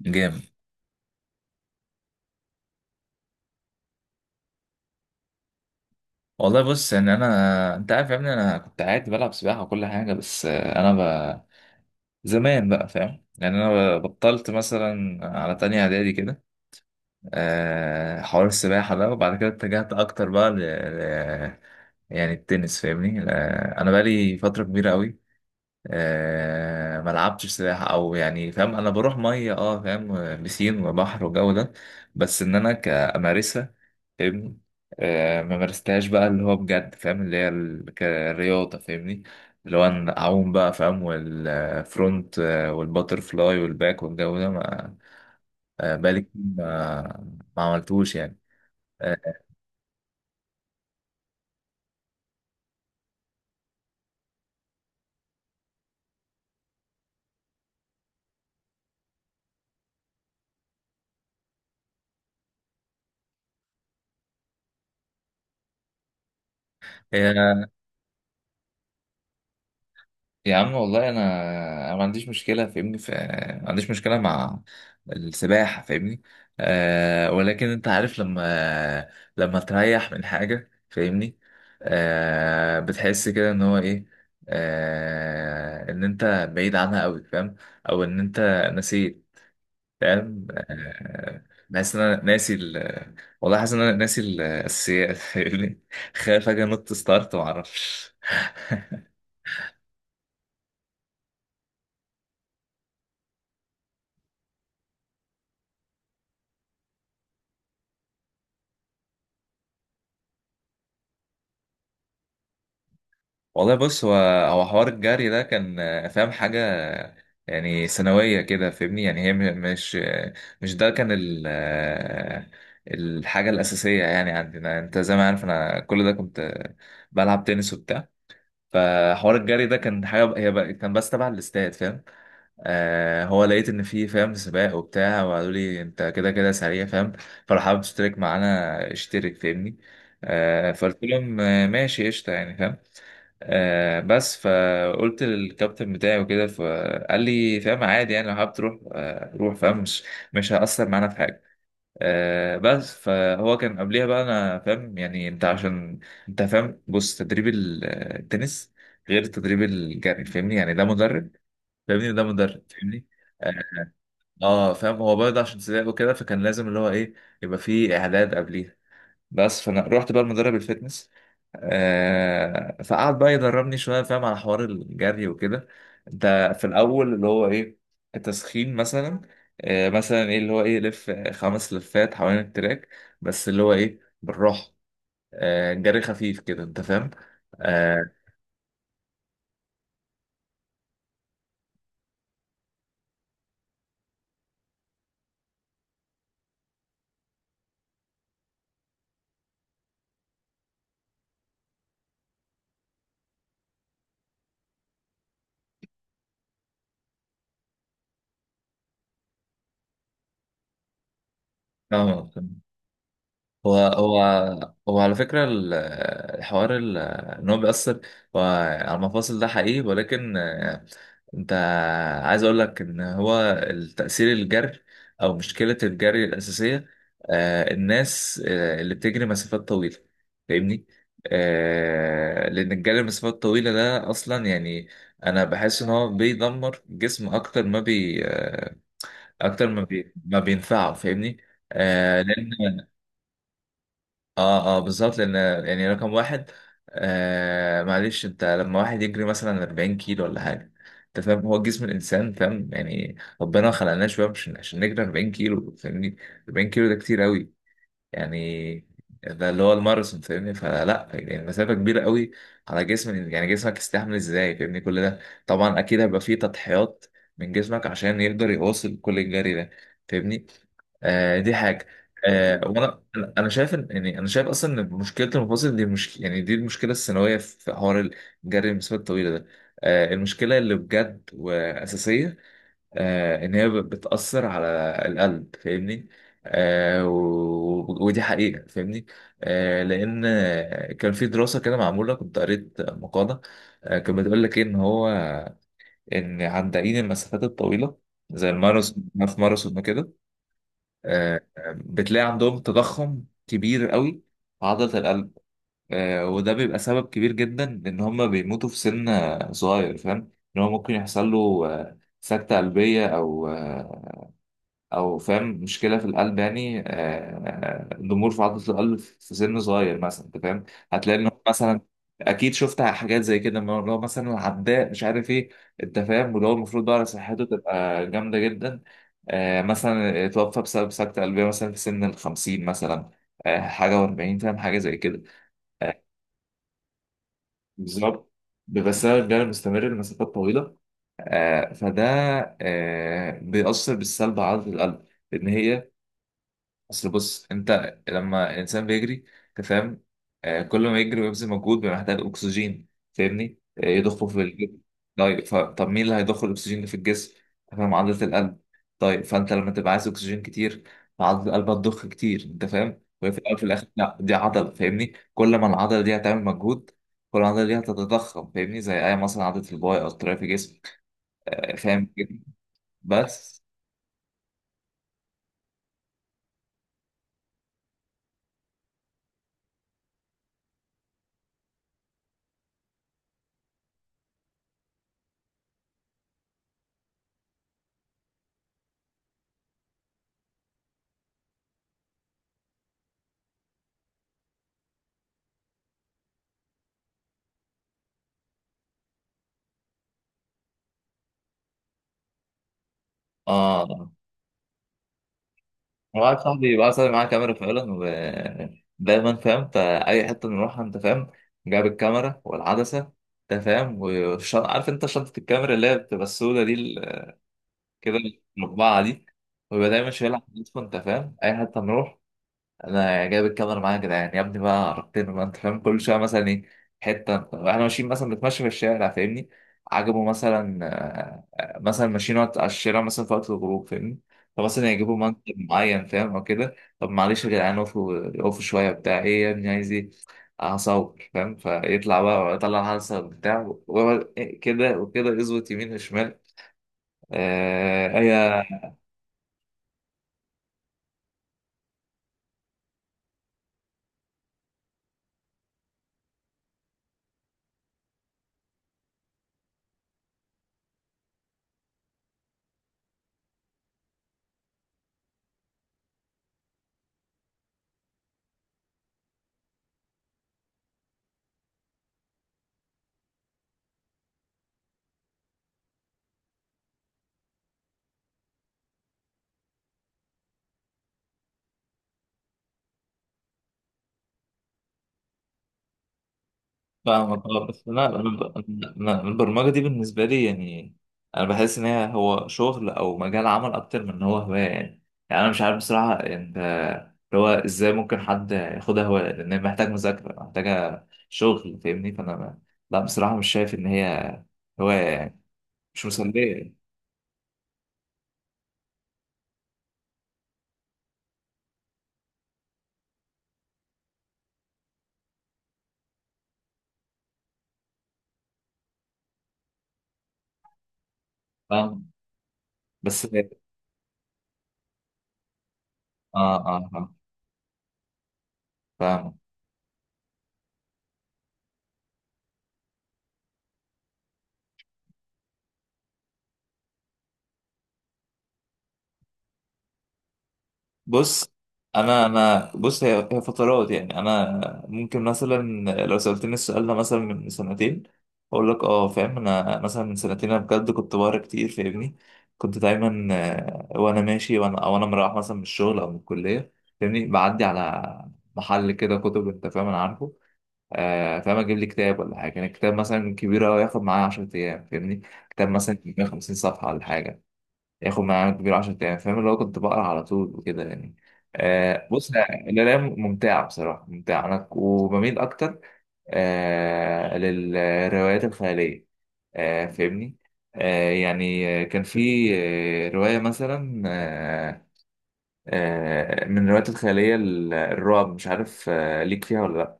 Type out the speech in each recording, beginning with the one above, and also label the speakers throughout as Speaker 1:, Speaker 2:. Speaker 1: جامد. والله بص، ان انا، انت عارف يا ابني، انا كنت عادي بلعب سباحه وكل حاجه. بس ب... زمان بقى، فاهم؟ يعني انا بطلت مثلا على تانية اعدادي كده حوار السباحه ده. وبعد كده اتجهت اكتر بقى يعني التنس، فاهمني. انا بقى لي فتره كبيره قوي، ما لعبتش سباحة، او يعني فاهم، انا بروح مية. اه فاهم، بسين وبحر وجو ده، بس ان انا كامارسها، فاهمني. ما مارستهاش بقى اللي هو بجد، فاهم، اللي هي كرياضة، فاهمني، اللي هو أنا اعوم بقى فاهم، والفرونت والباتر فلاي والباك والجو ده، ما بقالي كتير ما عملتوش يعني. يا عم والله أنا ما عنديش مشكله فاهمني ما عنديش مشكله مع السباحه، فاهمني. ولكن انت عارف لما تريح من حاجه، فاهمني، بتحس كده ان هو ايه، ان انت بعيد عنها قوي، فاهم، او ان انت نسيت، فاهم. بحس ان انا ناسي والله حاسس ان انا ناسي الاساسيات، فاهمني. خايف اجي انط ستارت ما اعرفش. والله بص، هو حوار الجري ده كان فاهم حاجة يعني ثانوية كده، فاهمني. يعني هي مش، ده كان ال آه، الحاجة الأساسية. يعني عندنا أنت زي ما عارف، أنا كل ده كنت بلعب تنس وبتاع. فحوار الجري ده كان حاجة هي بقى، كان بس تبع الاستاد، فاهم. هو لقيت إن في، فاهم، سباق وبتاع، وقالوا لي أنت كده كده سريع، فاهم، فلو حابب تشترك معانا اشترك، فاهمني. فقلت لهم ماشي قشطة، يعني، فاهم. بس فقلت للكابتن بتاعي وكده، فقال لي فاهم عادي، يعني لو حابب تروح روح، فاهم، مش هيأثر معانا في حاجة. بس فهو كان قبليها بقى، انا فاهم يعني، انت عشان انت فاهم، بص، تدريب التنس غير تدريب الجري، فاهمني. يعني ده مدرب، فاهمني، ده مدرب، فاهمني. اه. فاهم هو برضه عشان سباق وكده، فكان لازم اللي هو ايه، يبقى فيه اعداد قبليها. بس فانا رحت بقى المدرب الفتنس، فقعد بقى يدربني شويه، فاهم، على حوار الجري وكده. انت في الاول اللي هو ايه، التسخين مثلا. مثلا ايه؟ اللي هو ايه، لف 5 لفات حوالين التراك، بس اللي هو ايه بالراحه. جري خفيف كده، انت فاهم. آه فاهم. هو هو هو على فكرة الحوار، ان هو بيأثر هو على المفاصل ده حقيقي. ولكن انت عايز اقول لك ان هو التأثير الجري، او مشكلة الجري الأساسية الناس اللي بتجري مسافات طويلة، فاهمني؟ لأن الجري المسافات الطويلة ده أصلا يعني، أنا بحس إن هو بيدمر الجسم أكتر ما بي ما بينفعه، فاهمني؟ لأن اه بالظبط لان يعني، رقم واحد معلش، انت لما واحد يجري مثلا 40 كيلو ولا حاجه، انت فاهم هو جسم الانسان، فاهم؟ يعني ربنا خلقناه شويه مش عشان نجري 40 كيلو، فاهمني. 40 كيلو ده كتير قوي، يعني ده اللي هو الماراثون، فاهمني. فلا، يعني المسافة كبيرة قوي على جسم، يعني جسمك يستحمل ازاي فاهمني كل ده؟ طبعا اكيد هيبقى فيه تضحيات من جسمك عشان يقدر يواصل كل الجري ده، فاهمني. دي حاجة. وانا، أنا شايف ان، يعني انا شايف اصلا ان مشكلة المفاصل دي مش يعني دي المشكلة الثانوية في حوار الجري المسافات الطويلة ده. المشكلة اللي بجد وأساسية ان هي بتأثر على القلب، فاهمني. ودي حقيقة، فاهمني. لان كان في دراسة كده معمولة، كنت قريت مقالة كانت بتقول لك إيه، ان عندائين المسافات الطويلة زي الماراثون، في ماراثون وكده آه، بتلاقي عندهم تضخم كبير قوي في عضلة القلب. وده بيبقى سبب كبير جدا ان هم بيموتوا في سن صغير، فاهم؟ ان هو ممكن يحصل له سكتة قلبية، او فاهم مشكله في القلب، يعني ضمور في عضله القلب في سن صغير مثلا، انت فاهم. هتلاقي انه مثلا، اكيد شفت حاجات زي كده من اللي هو مثلا عداء مش عارف ايه، انت فاهم، واللي هو المفروض بقى صحته تبقى جامده جدا، مثلا اتوفى بسبب سكته قلبيه مثلا في سن ال 50 مثلا، حاجه، و40 فاهم، حاجه زي كده. آه، بالظبط، بيبقى السبب الجري المستمر لمسافات طويله. فده بيأثر بالسلب على عضله القلب، ان هي، اصل بص انت لما الانسان بيجري، انت فاهم، كل ما يجري ويبذل مجهود بيبقى محتاج اكسجين، فاهمني. يضخه في الجسم. طيب، طب مين اللي هيضخ الاكسجين ده في الجسم؟ فاهم، عضله القلب. طيب، فانت لما تبقى عايز اكسجين كتير، فعضله القلب هتضخ كتير، انت فاهم، وهي في الاول وفي الاخر لا دي عضله، فاهمني، كل ما العضله دي هتعمل مجهود، كل ما العضله دي هتتضخم، فاهمني، زي اي مثلا عضله الباي او التراي في جسمك. فاهم كده؟ بس اه واحد صاحبي معاه كاميرا فعلا، ودايما فاهم فأي حتة بنروحها، أنت فاهم، جاب الكاميرا والعدسة، أنت فاهم، والشنطة، عارف، أنت شنطة الكاميرا اللي هي بتبقى السودة دي، ال- كده المقبعة دي، ويبقى دايما شايلها على كتفه، أنت فاهم، أي حتة نروح: انا جايب الكاميرا معايا يا جدعان. يا ابني بقى عرفتني، ما انت فاهم، كل شويه مثلا ايه، حته احنا ماشيين مثلا، بنتمشى في الشارع، فاهمني، عجبه مثلا مثلا ماشيين وقت على الشارع، مثلا في وقت الغروب، فاهمني، فمثلا يجيبوا منتج معين، فاهم، او كده: طب معلش يا جدعان، وقفوا وقفوا شويه، بتاع ايه يا ابني عايز ايه؟ هصور، فاهم. فيطلع بقى، الحلقه بتاع، ويقعد كده وكده يظبط يمين وشمال. آه، ايه فاهمك، اه. بس لا، أنا البرمجة دي بالنسبة لي يعني، أنا بحس إن هو شغل أو مجال عمل أكتر من إن هو هواية يعني. أنا مش عارف بصراحة أنت، اللي هو إزاي ممكن حد ياخدها هواية؟ لأن هي محتاج مذاكرة، محتاجة شغل، فاهمني. فأنا لا، بصراحة مش شايف إن هي هواية يعني، مش مسلية يعني. فاهم. بس آه آه فاهم، بص انا، انا بص هي، فترات يعني. انا ممكن مثلا لو سألتني السؤال ده مثلا من سنتين، اقول لك اه، فاهم، انا مثلا من سنتين انا بجد كنت بقرا كتير، فاهمني. كنت دايما وانا ماشي، وانا او انا مروح مثلا من الشغل او من الكليه، فاهمني، بعدي على محل كده كتب، انت فاهم، انا عارفه، فاهم، اجيب لي كتاب ولا حاجه. يعني الكتاب مثلا كبير قوي، ياخد معايا 10 ايام فاهمني، كتاب مثلا 150 صفحه ولا حاجه، ياخد معانا كبير 10 ايام، فاهم، اللي هو كنت بقرا على طول وكده يعني. بص، القرايه ممتعه، بصراحه ممتعه. انا وبميل اكتر للروايات الخياليه، فاهمني. يعني كان في روايه مثلا، من الروايات الخياليه الرعب، مش عارف ليك فيها ولا لا.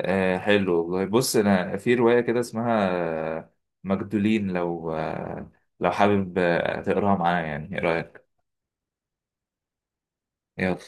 Speaker 1: حلو، والله بص، انا في روايه كده اسمها آه، مجدولين. لو حابب تقراها معايا، يعني، ايه رايك؟ يلا.